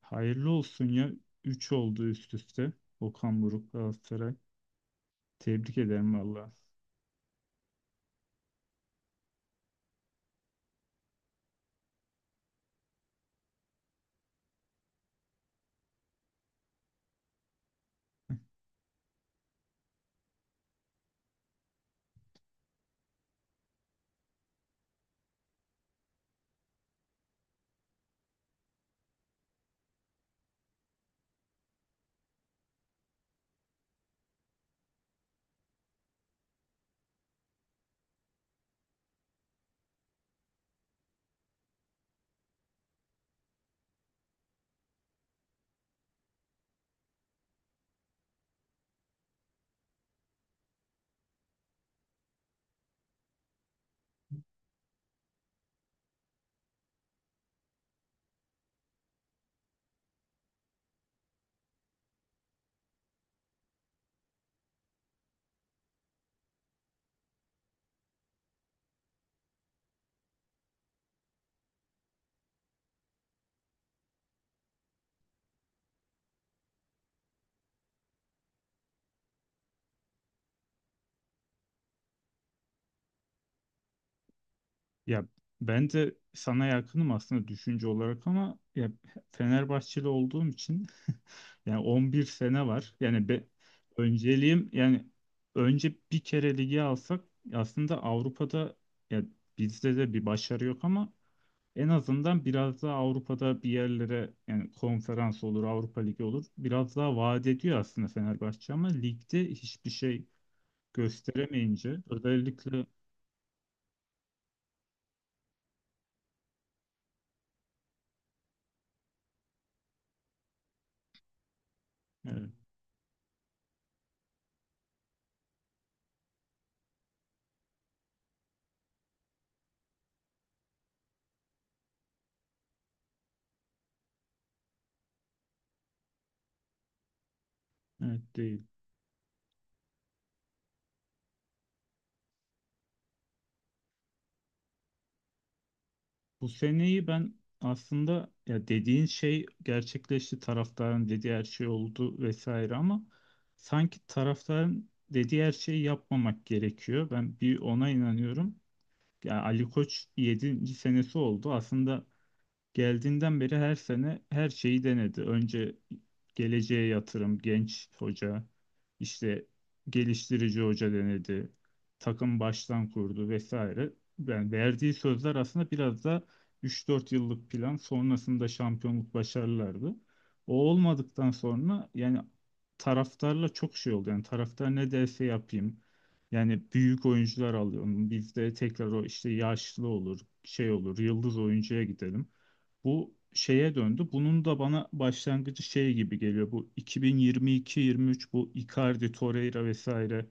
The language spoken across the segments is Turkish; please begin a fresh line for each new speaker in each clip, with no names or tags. Hayırlı olsun ya. Üç oldu üst üste. Okan Buruk, Galatasaray. Tebrik ederim valla. Ya ben de sana yakınım aslında düşünce olarak ama ya Fenerbahçeli olduğum için yani 11 sene var. Yani be, önceliğim yani önce bir kere ligi alsak aslında Avrupa'da, ya bizde de bir başarı yok ama en azından biraz daha Avrupa'da bir yerlere yani konferans olur, Avrupa Ligi olur. Biraz daha vaat ediyor aslında Fenerbahçe ama ligde hiçbir şey gösteremeyince özellikle evet, evet değil. Bu seneyi ben aslında ya dediğin şey gerçekleşti. Taraftarın dediği her şey oldu vesaire ama sanki taraftarın dediği her şeyi yapmamak gerekiyor. Ben bir ona inanıyorum. Ya Ali Koç yedinci senesi oldu. Aslında geldiğinden beri her sene her şeyi denedi. Önce geleceğe yatırım, genç hoca, işte geliştirici hoca denedi. Takım baştan kurdu vesaire. Yani verdiği sözler aslında biraz da 3-4 yıllık plan sonrasında şampiyonluk başarılardı. O olmadıktan sonra yani taraftarla çok şey oldu. Yani taraftar ne derse yapayım. Yani büyük oyuncular alıyorum. Bizde tekrar o işte yaşlı olur, şey olur, yıldız oyuncuya gidelim. Bu şeye döndü. Bunun da bana başlangıcı şey gibi geliyor. Bu 2022-23 bu Icardi, Torreira vesaire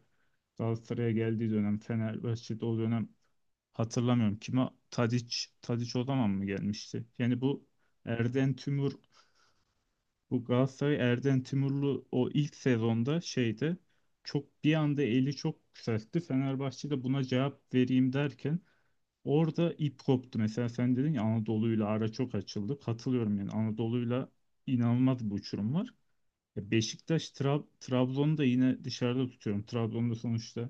Galatasaray'a geldiği dönem Fenerbahçe'de o dönem hatırlamıyorum. Kime Tadic o zaman mı gelmişti? Yani bu Erden Tümur bu Galatasaray Erden Timurlu o ilk sezonda şeyde çok bir anda eli çok yükseltti. Fenerbahçe de buna cevap vereyim derken orada ip koptu. Mesela sen dedin ya Anadolu'yla ara çok açıldı. Katılıyorum yani Anadolu'yla inanılmaz bir uçurum var. Ya Beşiktaş, Trabzon'u da yine dışarıda tutuyorum. Trabzon'da sonuçta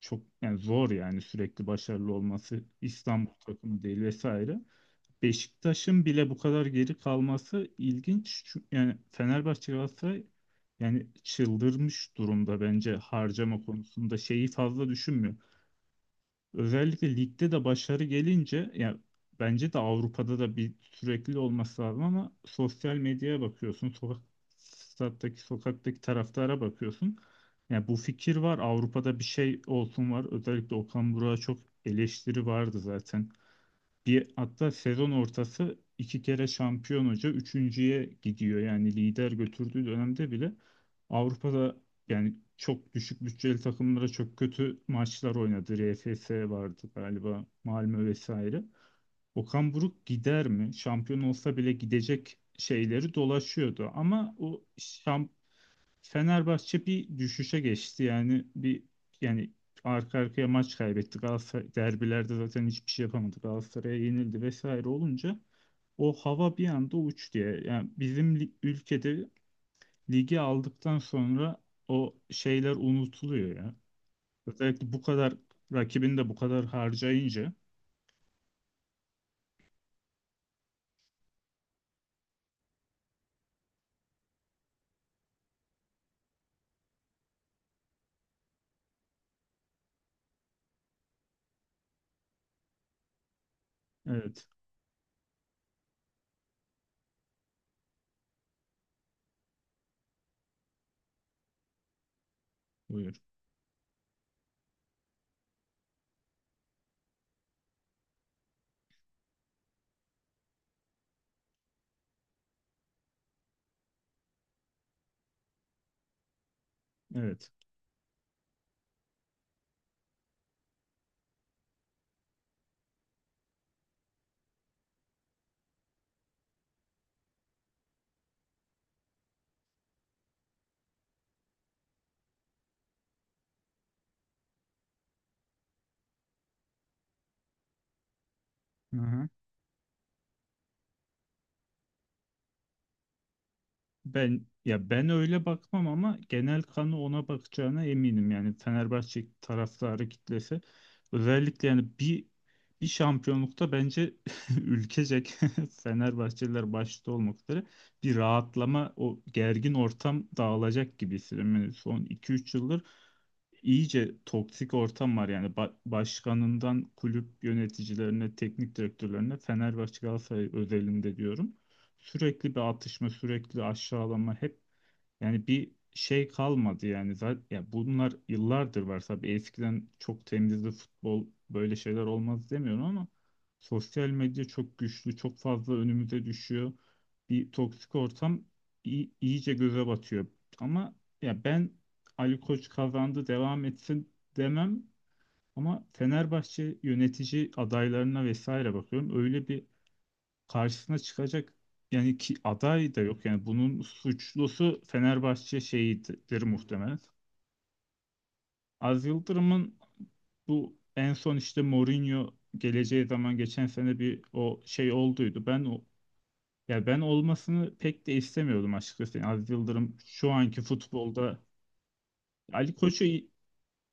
çok yani zor yani sürekli başarılı olması İstanbul takımı değil vesaire. Beşiktaş'ın bile bu kadar geri kalması ilginç. Çünkü yani Fenerbahçe Galatasaray yani çıldırmış durumda bence harcama konusunda şeyi fazla düşünmüyor. Özellikle ligde de başarı gelince yani bence de Avrupa'da da bir sürekli olması lazım ama sosyal medyaya bakıyorsun, stattaki sokaktaki taraftara bakıyorsun. Yani bu fikir var. Avrupa'da bir şey olsun var. Özellikle Okan Burak'a çok eleştiri vardı zaten. Bir, hatta sezon ortası iki kere şampiyon hoca üçüncüye gidiyor. Yani lider götürdüğü dönemde bile Avrupa'da yani çok düşük bütçeli takımlara çok kötü maçlar oynadı. RFS vardı galiba, Malmö vesaire. Okan Buruk gider mi? Şampiyon olsa bile gidecek şeyleri dolaşıyordu. Ama o şamp Fenerbahçe bir düşüşe geçti yani bir yani arka arkaya maç kaybettik. Galatasaray derbilerde zaten hiçbir şey yapamadık. Galatasaray'a yenildi vesaire olunca o hava bir anda uç diye. Yani bizim ülkede ligi aldıktan sonra o şeyler unutuluyor ya. Özellikle bu kadar rakibin de bu kadar harcayınca evet, buyur. Evet. Hı hı. Ben, ya, ben öyle bakmam ama genel kanı ona bakacağına eminim. Yani Fenerbahçe taraftarı kitlesi özellikle yani bir şampiyonlukta bence ülkecek Fenerbahçeliler başta olmak üzere bir rahatlama, o gergin ortam dağılacak gibi hissediyorum. Yani son iki üç yıldır iyice toksik ortam var yani başkanından kulüp yöneticilerine, teknik direktörlerine, Fenerbahçe Galatasaray özelinde diyorum, sürekli bir atışma, sürekli aşağılama, hep yani bir şey kalmadı yani zaten ya bunlar yıllardır var tabii, eskiden çok temizdi futbol böyle şeyler olmaz demiyorum ama sosyal medya çok güçlü, çok fazla önümüze düşüyor. Bir toksik ortam iyice göze batıyor. Ama ya ben Ali Koç kazandı devam etsin demem ama Fenerbahçe yönetici adaylarına vesaire bakıyorum. Öyle bir karşısına çıkacak yani ki aday da yok. Yani bunun suçlusu Fenerbahçe şeyidir muhtemelen. Az Yıldırım'ın bu en son işte Mourinho geleceği zaman geçen sene bir o şey olduydu. Ben o, ya, ben olmasını pek de istemiyordum açıkçası. Yani Aziz Yıldırım şu anki futbolda Ali Koç'u.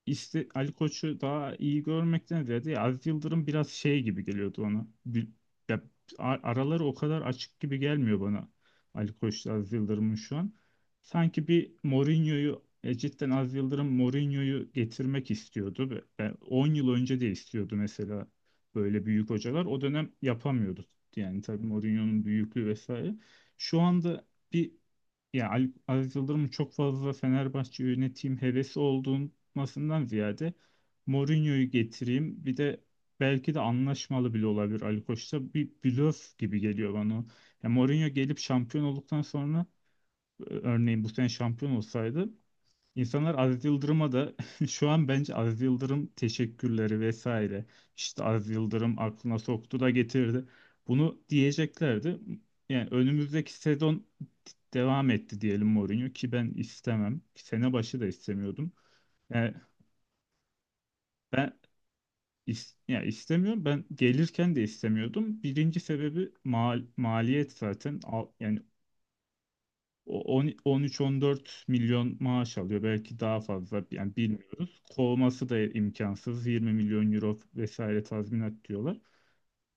İşte Ali Koç'u daha iyi görmekten ziyade ya Aziz Yıldırım biraz şey gibi geliyordu ona. Ya araları o kadar açık gibi gelmiyor bana, Ali Koç'la Aziz Yıldırım'ın şu an. Sanki bir Mourinho'yu cidden Aziz Yıldırım Mourinho'yu getirmek istiyordu. Ve 10 yıl önce de istiyordu mesela böyle büyük hocalar. O dönem yapamıyordu. Yani tabii Mourinho'nun büyüklüğü vesaire. Şu anda bir ya Aziz Yıldırım'ın çok fazla Fenerbahçe yönetim hevesi olduğundan ziyade Mourinho'yu getireyim. Bir de belki de anlaşmalı bile olabilir Ali Koç'ta. Bir blöf gibi geliyor bana. Ya Mourinho gelip şampiyon olduktan sonra örneğin bu sene şampiyon olsaydı İnsanlar Aziz Yıldırım'a da şu an bence Aziz Yıldırım teşekkürleri vesaire işte Aziz Yıldırım aklına soktu da getirdi. Bunu diyeceklerdi. Yani önümüzdeki sezon devam etti diyelim Mourinho, ki ben istemem. Sene başı da istemiyordum. Yani ben istemiyorum. Ben gelirken de istemiyordum. Birinci sebebi maliyet zaten. 13-14 milyon maaş alıyor. Belki daha fazla yani bilmiyoruz. Kovması da imkansız. 20 milyon euro vesaire tazminat diyorlar.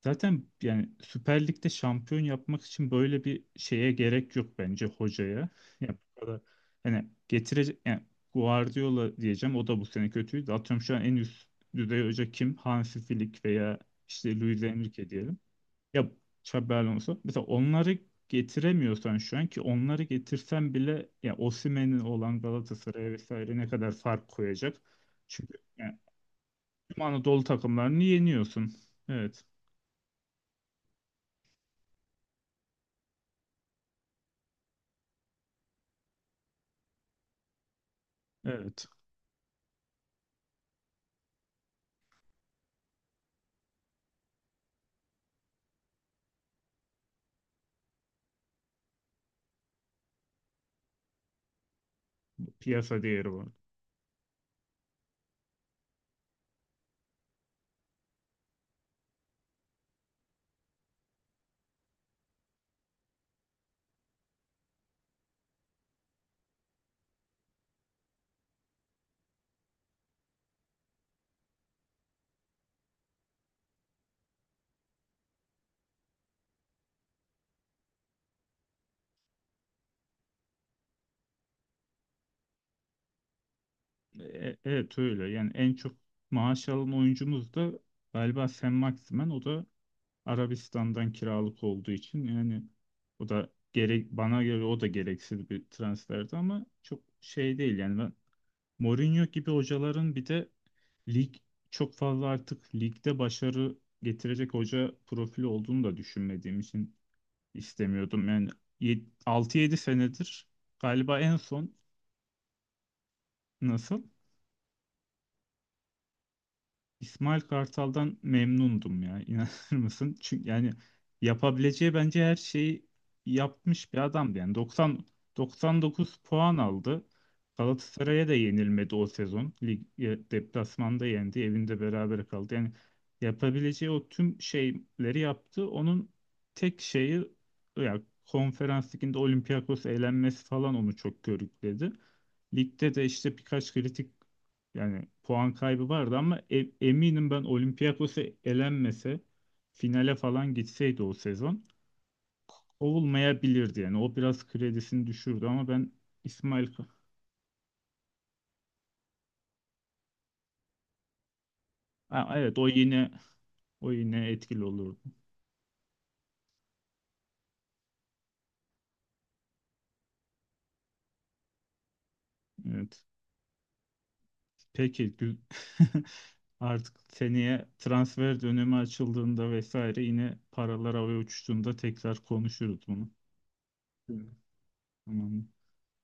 Zaten yani Süper Lig'de şampiyon yapmak için böyle bir şeye gerek yok bence hocaya. Yani bu kadar hani getirecek yani Guardiola diyeceğim, o da bu sene kötüydü. Atıyorum şu an en üst düzey hoca kim? Hansi Flick veya işte Luis Enrique diyelim. Ya Xabi Alonso. Mesela onları getiremiyorsan şu an ki, onları getirsen bile ya Osimhen'in olan Galatasaray'a vesaire ne kadar fark koyacak? Çünkü yani tüm Anadolu takımlarını yeniyorsun. Evet. Evet. Piyasa değeri var. Evet öyle. Yani en çok maaş alan oyuncumuz da galiba Sen Maximen. O da Arabistan'dan kiralık olduğu için yani o da gerek bana göre o da gereksiz bir transferdi ama çok şey değil yani Mourinho gibi hocaların bir de lig çok fazla artık ligde başarı getirecek hoca profili olduğunu da düşünmediğim için istemiyordum. Yani 6-7 senedir galiba en son nasıl? İsmail Kartal'dan memnundum ya inanır mısın? Çünkü yani yapabileceği bence her şeyi yapmış bir adamdı. Yani 90. 99 puan aldı. Galatasaray'a da yenilmedi o sezon. Lig deplasmanda yendi, evinde berabere kaldı. Yani yapabileceği o tüm şeyleri yaptı. Onun tek şeyi ya konferans liginde Olympiakos eğlenmesi falan onu çok körükledi. Ligde de işte birkaç kritik yani puan kaybı vardı ama eminim, ben Olympiakos'a elenmese finale falan gitseydi o sezon olmayabilirdi yani. O biraz kredisini düşürdü ama ben İsmail Ka- Ha, evet, o yine etkili olurdu. Evet. Peki, artık seneye transfer dönemi açıldığında vesaire yine paralar havaya uçuştuğunda tekrar konuşuruz bunu. Evet. Tamam.